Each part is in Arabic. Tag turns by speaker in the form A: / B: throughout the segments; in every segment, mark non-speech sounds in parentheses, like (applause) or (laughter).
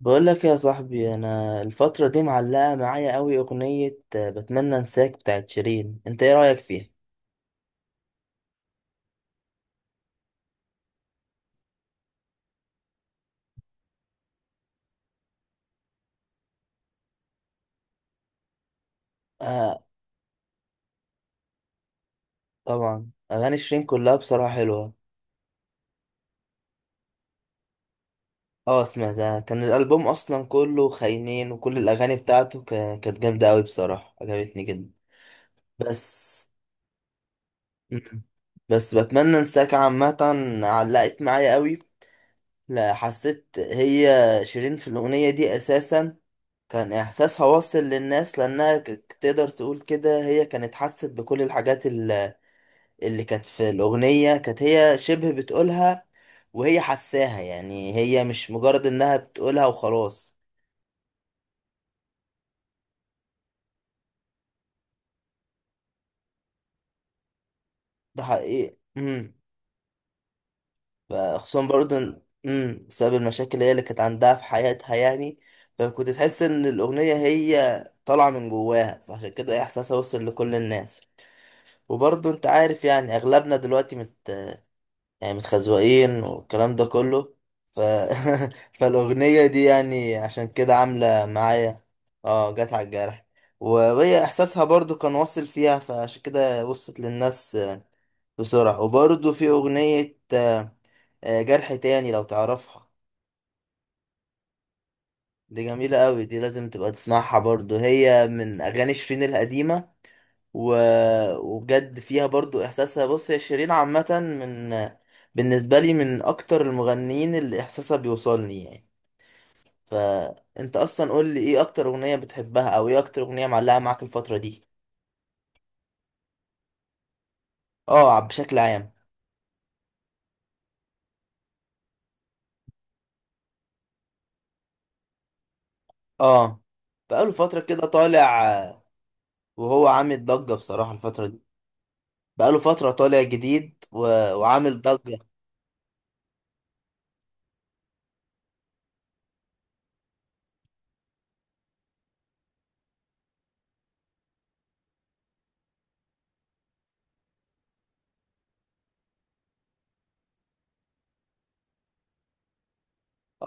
A: بقول لك يا صاحبي، انا الفترة دي معلقة معايا قوي اغنية بتمنى انساك بتاعت شيرين. انت ايه رأيك فيها؟ آه، طبعا اغاني شيرين كلها بصراحة حلوة. اه، سمعتها، كان الالبوم اصلا كله خاينين وكل الاغاني بتاعته كانت جامدة قوي بصراحة، عجبتني جدا. بس. مم. بس بتمنى انساك عامة. علقت معايا قوي. لا، حسيت هي شيرين في الاغنية دي اساسا كان إحساسها واصل للناس، لأنها تقدر تقول كده، هي كانت حست بكل الحاجات اللي كانت في الأغنية، كانت هي شبه بتقولها. وهي حساها، يعني هي مش مجرد إنها بتقولها وخلاص. ده حقيقي. فخصوصا برضه بسبب المشاكل هي اللي كانت عندها في حياتها يعني. فكنت تحس إن الأغنية هي طالعة من جواها، فعشان كده إحساسها وصل لكل الناس. وبرضه أنت عارف، يعني أغلبنا دلوقتي يعني متخزوقين والكلام ده كله. ف... (laughs) فالأغنية دي يعني عشان كده عاملة معايا. اه، جت على الجرح. وهي إحساسها برضو كان واصل فيها، فعشان كده وصلت للناس بسرعة. وبرضو في أغنية جرح تاني، لو تعرفها. دي جميلة قوي، دي لازم تبقى تسمعها برضو، هي من أغاني شيرين القديمة. و... وبجد فيها برضو احساسها. بص هي شيرين عامة، بالنسبة لي من اكتر المغنيين اللي احساسها بيوصلني يعني. فانت اصلا قول لي: ايه اكتر اغنية بتحبها، او ايه اكتر اغنية معلقة معاك الفترة دي؟ اه، بشكل عام. اه، بقاله فترة كده طالع وهو عامل ضجة بصراحة الفترة دي. بقاله فترة طالع جديد وعامل ضجة.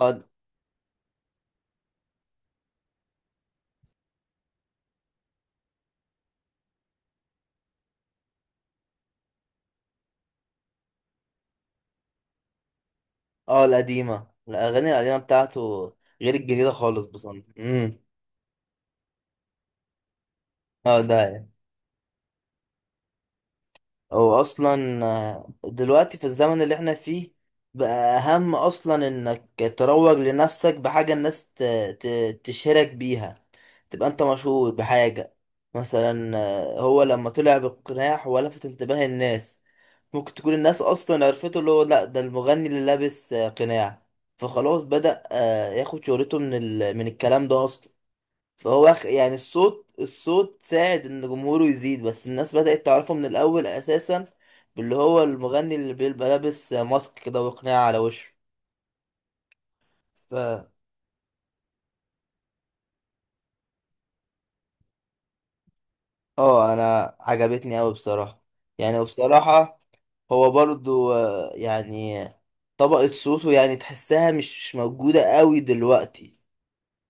A: اه، اه، الاغاني القديمة بتاعته غير الجديدة خالص بصراحة. اه، ده يعني. هو اصلا دلوقتي في الزمن اللي احنا فيه بقى اهم اصلا انك تروج لنفسك بحاجة الناس تشهرك بيها، تبقى انت مشهور بحاجة. مثلا هو لما طلع بالقناع هو لفت انتباه الناس. ممكن تكون الناس اصلا عرفته اللي هو: لا ده المغني اللي لابس قناع. فخلاص بدأ ياخد شهرته من الكلام ده اصلا. فهو يعني الصوت ساعد ان جمهوره يزيد، بس الناس بدأت تعرفه من الاول اساسا باللي هو المغني اللي بيبقى لابس ماسك كده وقناع على وشه. ف اه، انا عجبتني قوي بصراحة، يعني، وبصراحة، هو برضو يعني طبقة صوته يعني تحسها مش موجودة قوي دلوقتي.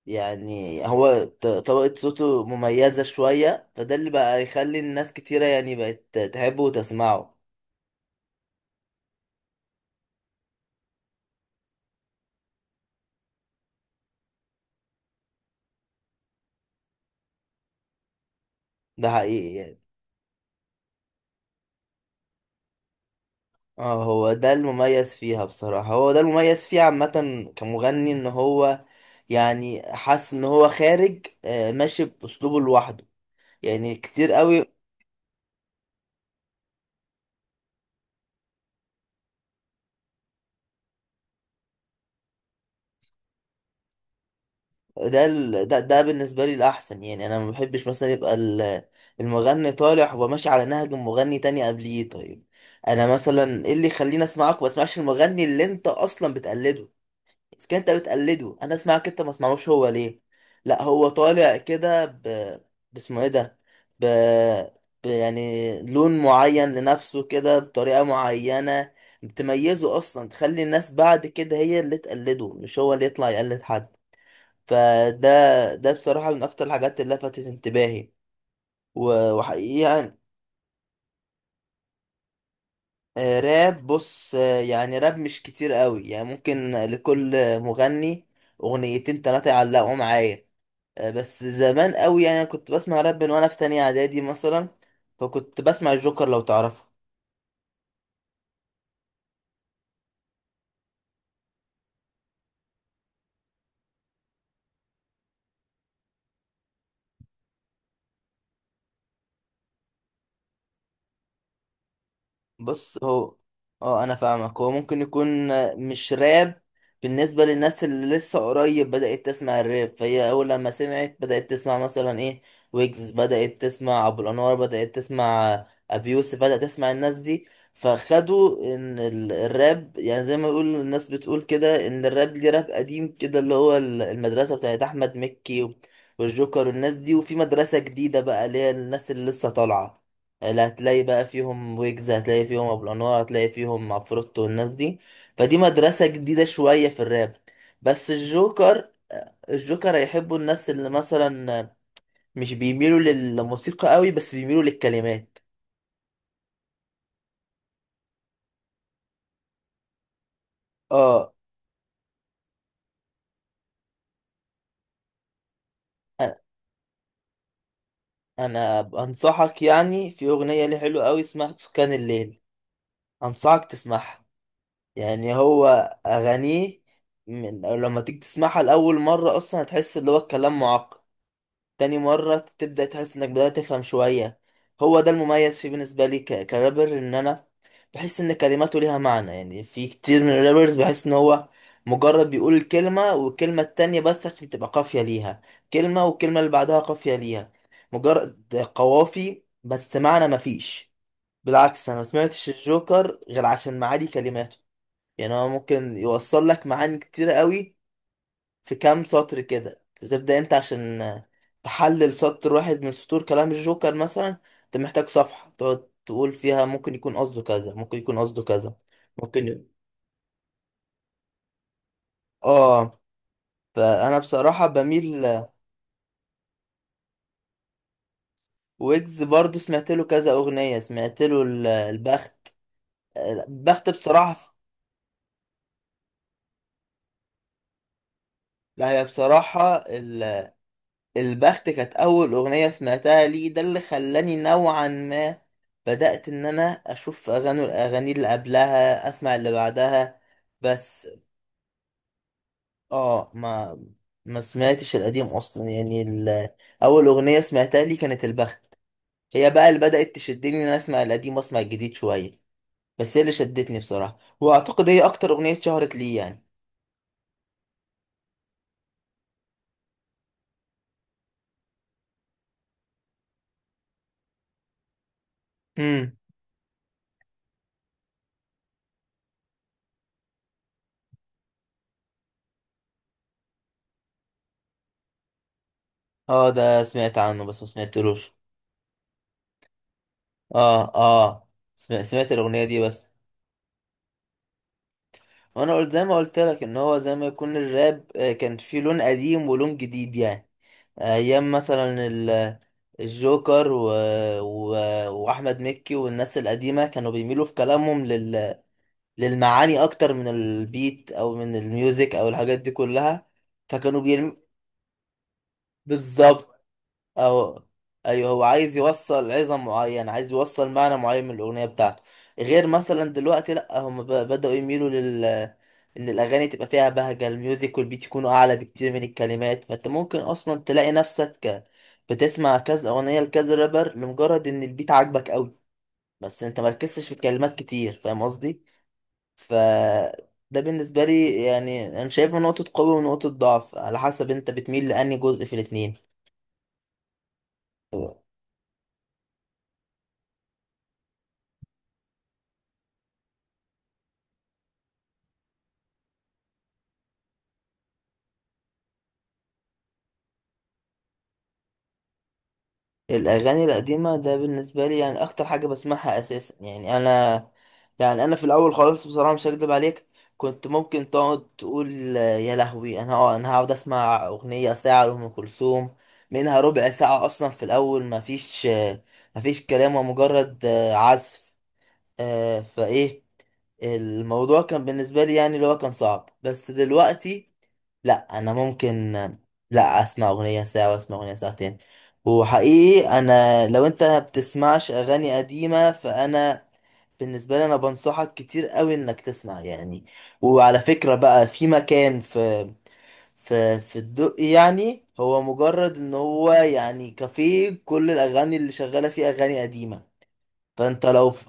A: يعني هو طبقة صوته مميزة شوية، فده اللي بقى يخلي الناس كتيرة يعني بقت تحبه وتسمعه. ده حقيقي يعني. اه، هو ده المميز فيها بصراحة، هو ده المميز فيه عامة كمغني، ان هو يعني حاسس ان هو خارج، ماشي باسلوبه لوحده، يعني كتير قوي. ده بالنسبة لي الاحسن يعني. انا ما بحبش مثلا يبقى المغني طالع هو ماشي على نهج مغني تاني قبليه. طيب، انا مثلا ايه اللي يخليني اسمعك وما اسمعش المغني اللي انت اصلا بتقلده؟ بس كده انت بتقلده، انا اسمعك انت ما اسمعوش هو ليه؟ لا، هو طالع كده باسمه ايه ده ب... يعني لون معين لنفسه كده بطريقة معينة، بتميزه اصلا، تخلي الناس بعد كده هي اللي تقلده مش هو اللي يطلع يقلد حد. فده بصراحة من اكتر الحاجات اللي لفتت انتباهي، وحقيقة يعني، راب؟ بص يعني راب مش كتير قوي يعني، ممكن لكل مغني اغنيتين تلاتة يعلقوا معايا. بس زمان قوي يعني، انا كنت بسمع راب من وانا في تانية اعدادي مثلا. فكنت بسمع الجوكر، لو تعرفه. بص اه، انا فاهمك. هو ممكن يكون مش راب بالنسبة للناس اللي لسه قريب بدأت تسمع الراب، فهي اول لما سمعت بدأت تسمع مثلا ايه، ويجز، بدأت تسمع ابو الانوار، بدأت تسمع ابي يوسف، بدأت تسمع الناس دي. فخدوا ان الراب يعني زي ما يقول الناس، بتقول كده ان الراب ليه راب قديم كده اللي هو المدرسة بتاعت احمد مكي والجوكر والناس دي، وفي مدرسة جديدة بقى اللي هي الناس اللي لسه طالعة، اللي هتلاقي بقى فيهم ويجز، هتلاقي فيهم ابو الانوار، هتلاقي فيهم عفروتو والناس دي. فدي مدرسة جديدة شوية في الراب. بس الجوكر هيحبوا الناس اللي مثلا مش بيميلوا للموسيقى قوي، بس بيميلوا للكلمات. اه، أ- انا انصحك يعني، في اغنية ليه حلوة قوي اسمها سكان الليل، انصحك تسمعها. يعني هو اغانيه من لما تيجي تسمعها لاول مرة اصلا هتحس اللي هو الكلام معقد، تاني مرة تبدأ تحس انك بدأت تفهم شوية. هو ده المميز فيه بالنسبة لي كرابر، ان انا بحس ان كلماته ليها معنى. يعني في كتير من الرابرز بحس ان هو مجرد بيقول الكلمة والكلمة التانية بس عشان تبقى قافية ليها، كلمة والكلمة اللي بعدها قافية ليها، مجرد قوافي بس، معنى مفيش. بالعكس، انا ما سمعتش الجوكر غير عشان معاني كلماته. يعني هو ممكن يوصل لك معاني كتير قوي في كام سطر كده، تبدأ انت عشان تحلل سطر واحد من سطور كلام الجوكر مثلا، انت محتاج صفحة تقعد تقول فيها ممكن يكون قصده كذا، ممكن يكون قصده كذا، ممكن ي- اه، فانا بصراحة بميل. ويجز برضو سمعت له كذا اغنية، سمعت له البخت. البخت بصراحة. لا، هي بصراحة، البخت كانت أول أغنية سمعتها ليه، ده اللي خلاني نوعا ما بدأت إن أنا أشوف الأغاني اللي قبلها، أسمع اللي بعدها. بس. آه، ما سمعتش القديم أصلا يعني أول أغنية سمعتها ليه كانت البخت. هي بقى اللي بدأت تشدني إن أنا أسمع القديم وأسمع الجديد شوية. بس هي اللي شدتني بصراحة، وأعتقد هي أكتر أغنية شهرت ليه يعني. امم آه، ده سمعت عنه بس ما سمعتلوش. آه، آه، سمعت الأغنية دي بس. وانا قلت زي ما قلت لك ان هو زي ما يكون الراب كان فيه لون قديم ولون جديد يعني. ايام مثلا الجوكر و... واحمد مكي والناس القديمه كانوا بيميلوا في كلامهم للمعاني اكتر من البيت او من الميوزك او الحاجات دي كلها. فكانوا بيرم... بالظبط أو أيوه، هو عايز يوصل عظم معين، عايز يوصل معنى معين من الأغنية بتاعته. غير مثلا دلوقتي، لأ هم بدأوا يميلوا إن الأغاني تبقى فيها بهجة الميوزك والبيت يكونوا أعلى بكتير من الكلمات، فأنت ممكن أصلا تلاقي نفسك بتسمع كذا أغنية لكذا رابر لمجرد إن البيت عاجبك أوي، بس أنت مركزتش في الكلمات كتير. فاهم قصدي؟ ف ده بالنسبة لي يعني، أنا شايفه نقطة قوة ونقطة ضعف على حسب أنت بتميل لأنهي جزء في الاتنين. الاغاني القديمه ده بالنسبه لي يعني اكتر حاجه بسمعها اساسا، يعني انا، يعني انا في الاول خالص بصراحه، مش هكدب عليك، كنت ممكن تقعد تقول يا لهوي، انا هقعد اسمع اغنيه ساعه لام كلثوم، منها ربع ساعه اصلا في الاول ما فيش ما فيش كلام، ومجرد عزف. فايه الموضوع كان بالنسبه لي يعني اللي هو كان صعب، بس دلوقتي لا، انا ممكن، لا، اسمع اغنيه ساعه واسمع اغنيه ساعتين. وحقيقي، انا لو انت ما بتسمعش اغاني قديمه فانا بالنسبه لي انا بنصحك كتير قوي انك تسمع يعني. وعلى فكره بقى، في مكان في الدق، يعني هو مجرد ان هو يعني كافيه، كل الاغاني اللي شغاله فيه اغاني قديمه. فانت لو ف...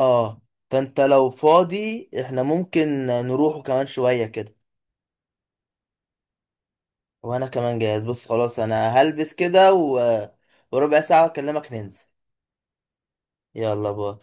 A: اه فانت لو فاضي احنا ممكن نروحه كمان شويه كده. وانا كمان جاهز. بص خلاص، انا هلبس كده وربع ساعة اكلمك، ننزل. يلا، باي.